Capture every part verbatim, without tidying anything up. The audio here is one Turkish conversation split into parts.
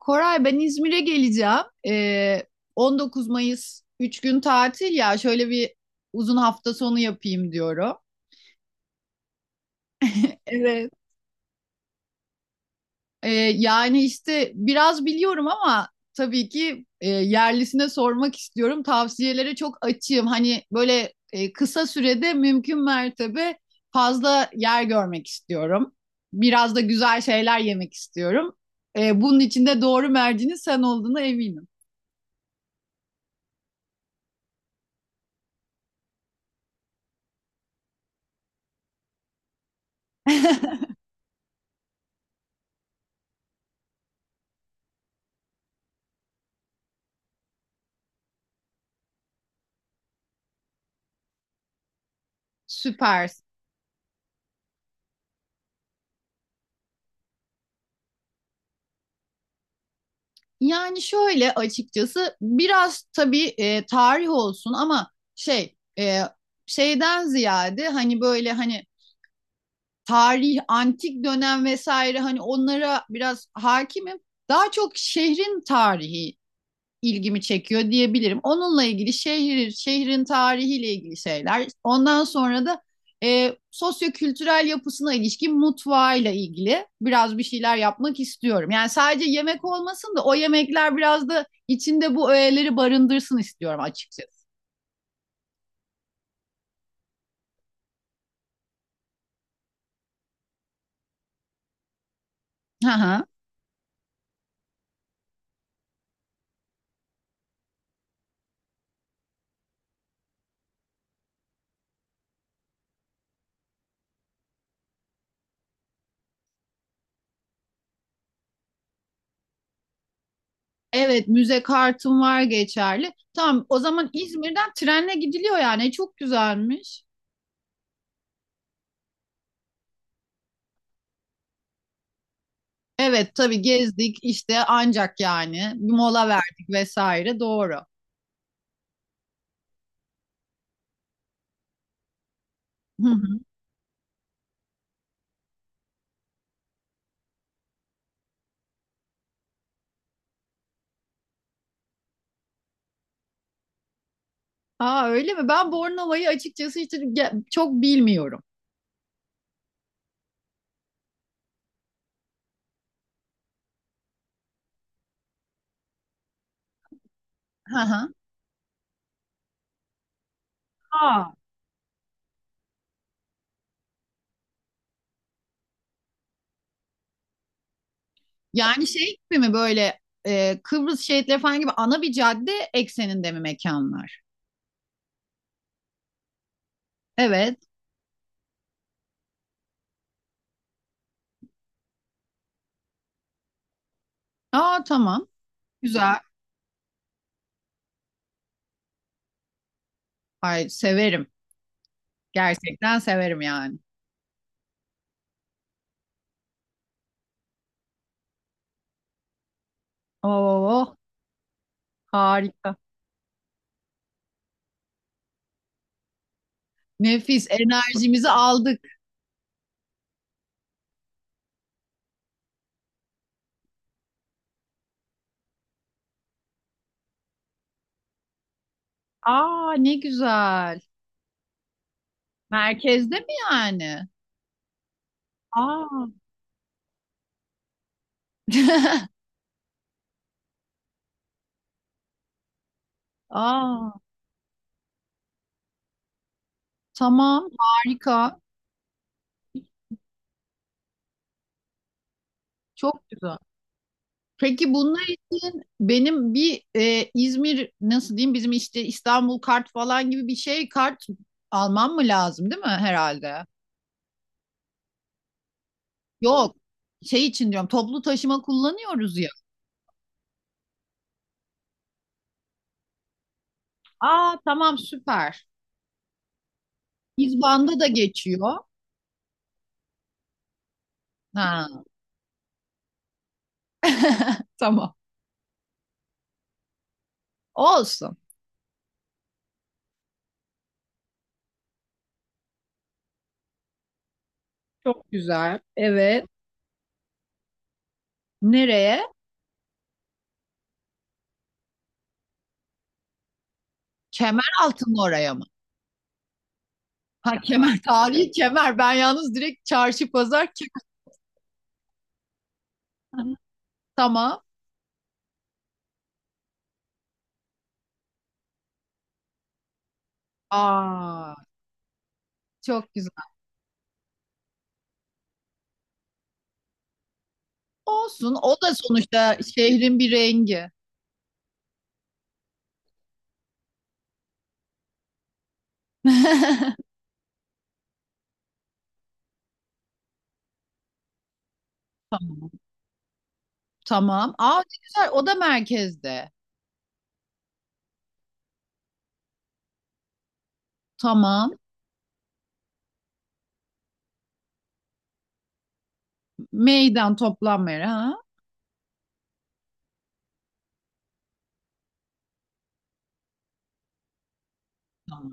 Koray ben İzmir'e geleceğim. Ee, on dokuz Mayıs üç gün tatil ya şöyle bir uzun hafta sonu yapayım diyorum. Evet. Ee, yani işte biraz biliyorum ama tabii ki e, yerlisine sormak istiyorum. Tavsiyelere çok açığım. Hani böyle e, kısa sürede mümkün mertebe fazla yer görmek istiyorum. Biraz da güzel şeyler yemek istiyorum. Ee, bunun için de doğru mercinin sen olduğuna eminim. Süper. Yani şöyle açıkçası biraz tabii e, tarih olsun ama şey e, şeyden ziyade hani böyle hani tarih, antik dönem vesaire hani onlara biraz hakimim. Daha çok şehrin tarihi ilgimi çekiyor diyebilirim. Onunla ilgili şehir, şehrin tarihiyle ilgili şeyler. Ondan sonra da e, sosyokültürel yapısına ilişkin mutfağıyla ilgili biraz bir şeyler yapmak istiyorum. Yani sadece yemek olmasın da o yemekler biraz da içinde bu öğeleri barındırsın istiyorum açıkçası. Hı hı. Evet, müze kartım var geçerli. Tamam, o zaman İzmir'den trenle gidiliyor yani. E, Çok güzelmiş. Evet, tabii gezdik işte ancak yani bir mola verdik vesaire doğru. Aa, öyle mi? Ben Bornova'yı açıkçası hiç ge- çok bilmiyorum. Hı hı. Aa, yani şey gibi mi böyle e, Kıbrıs şehitleri falan gibi ana bir cadde ekseninde mi mekanlar? Evet. Aa, tamam. Güzel. Ay severim. Gerçekten severim yani. Oo, harika. Nefis. Enerjimizi aldık. Aa, ne güzel. Merkezde mi yani? Aa. Aa, tamam, harika. Çok güzel. Peki bunlar için benim bir e, İzmir nasıl diyeyim bizim işte İstanbul kart falan gibi bir şey kart almam mı lazım değil mi herhalde? Yok, şey için diyorum toplu taşıma kullanıyoruz ya. Aa, tamam, süper. İzban'da da geçiyor. Ha. Tamam. Olsun. Çok güzel. Evet. Nereye? Kemer altın oraya mı? Ha, Kemer, tarihi Kemer. Ben yalnız direkt çarşı pazar Kemer. Tamam. Aa, çok güzel. Olsun. O da sonuçta şehrin bir rengi. Tamam. Aa, ne güzel. O da merkezde. Tamam. Meydan toplanma yeri. Ha? Tamam.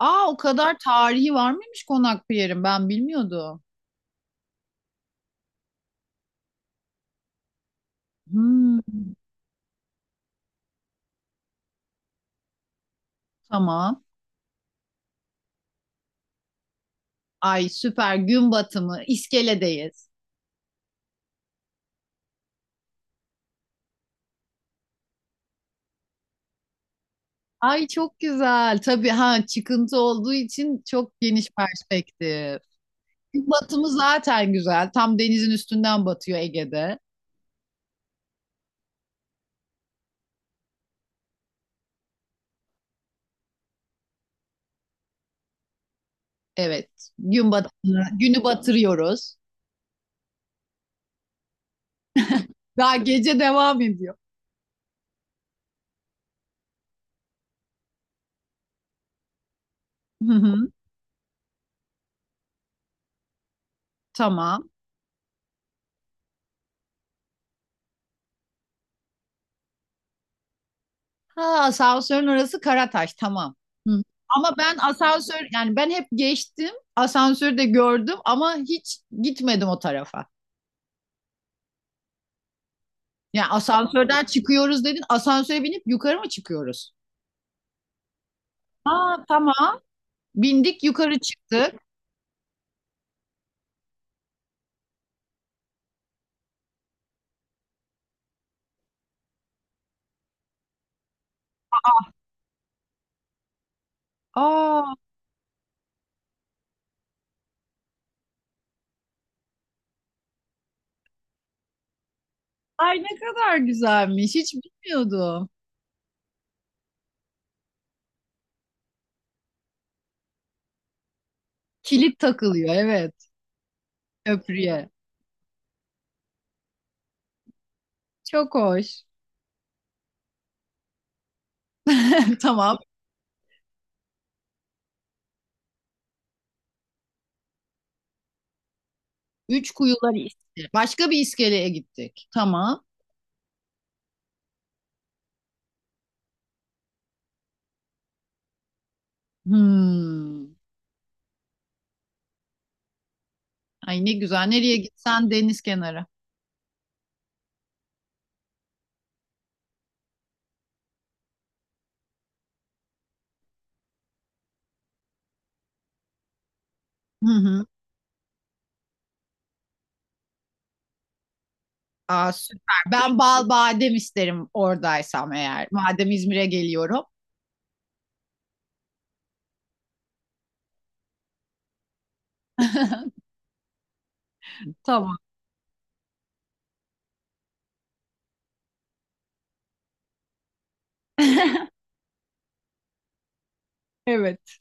Aa, o kadar tarihi var mıymış Konakpınar'ın? Ben bilmiyordum. Hmm, tamam. Ay süper. Gün batımı. İskeledeyiz. Ay çok güzel. Tabii ha, çıkıntı olduğu için çok geniş perspektif. Gün batımı zaten güzel. Tam denizin üstünden batıyor Ege'de. Evet. Gün bat günü batırıyoruz. Daha gece devam ediyor. Hı hı. Tamam. Ha, asansörün orası Karataş. Tamam. Hı. Ama ben asansör yani ben hep geçtim. Asansörü de gördüm ama hiç gitmedim o tarafa. Yani asansörden çıkıyoruz dedin. Asansöre binip yukarı mı çıkıyoruz? Aa, tamam. Bindik yukarı çıktık. Aa, ay ne kadar güzelmiş. Hiç bilmiyordum. Kilit takılıyor, evet, köprüye. Çok hoş. Tamam. Üç kuyular iskele. Başka bir iskeleye gittik. Tamam. Hmm. Ay ne güzel. Nereye gitsen deniz kenarı. Hı hı. Aa, süper. Ben bal badem isterim oradaysam eğer. Madem İzmir'e geliyorum. Tamam. Evet.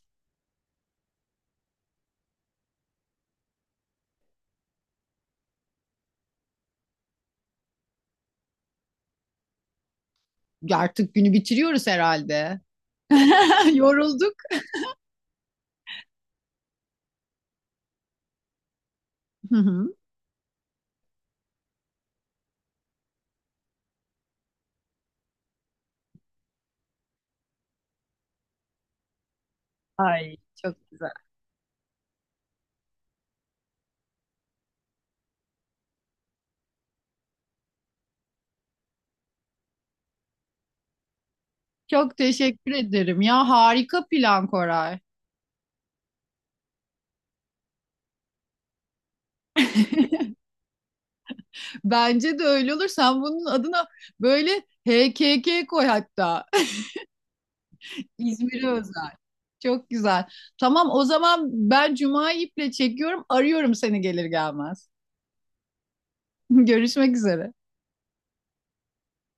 Artık günü bitiriyoruz herhalde. Yorulduk. Hı hı. Ay çok güzel. Çok teşekkür ederim ya. Harika plan, Koray. Bence de öyle olur. Sen bunun adına böyle H K K koy hatta. İzmir'e özel. Çok güzel. Tamam, o zaman ben Cuma'yı iple çekiyorum. Arıyorum seni gelir gelmez. Görüşmek üzere.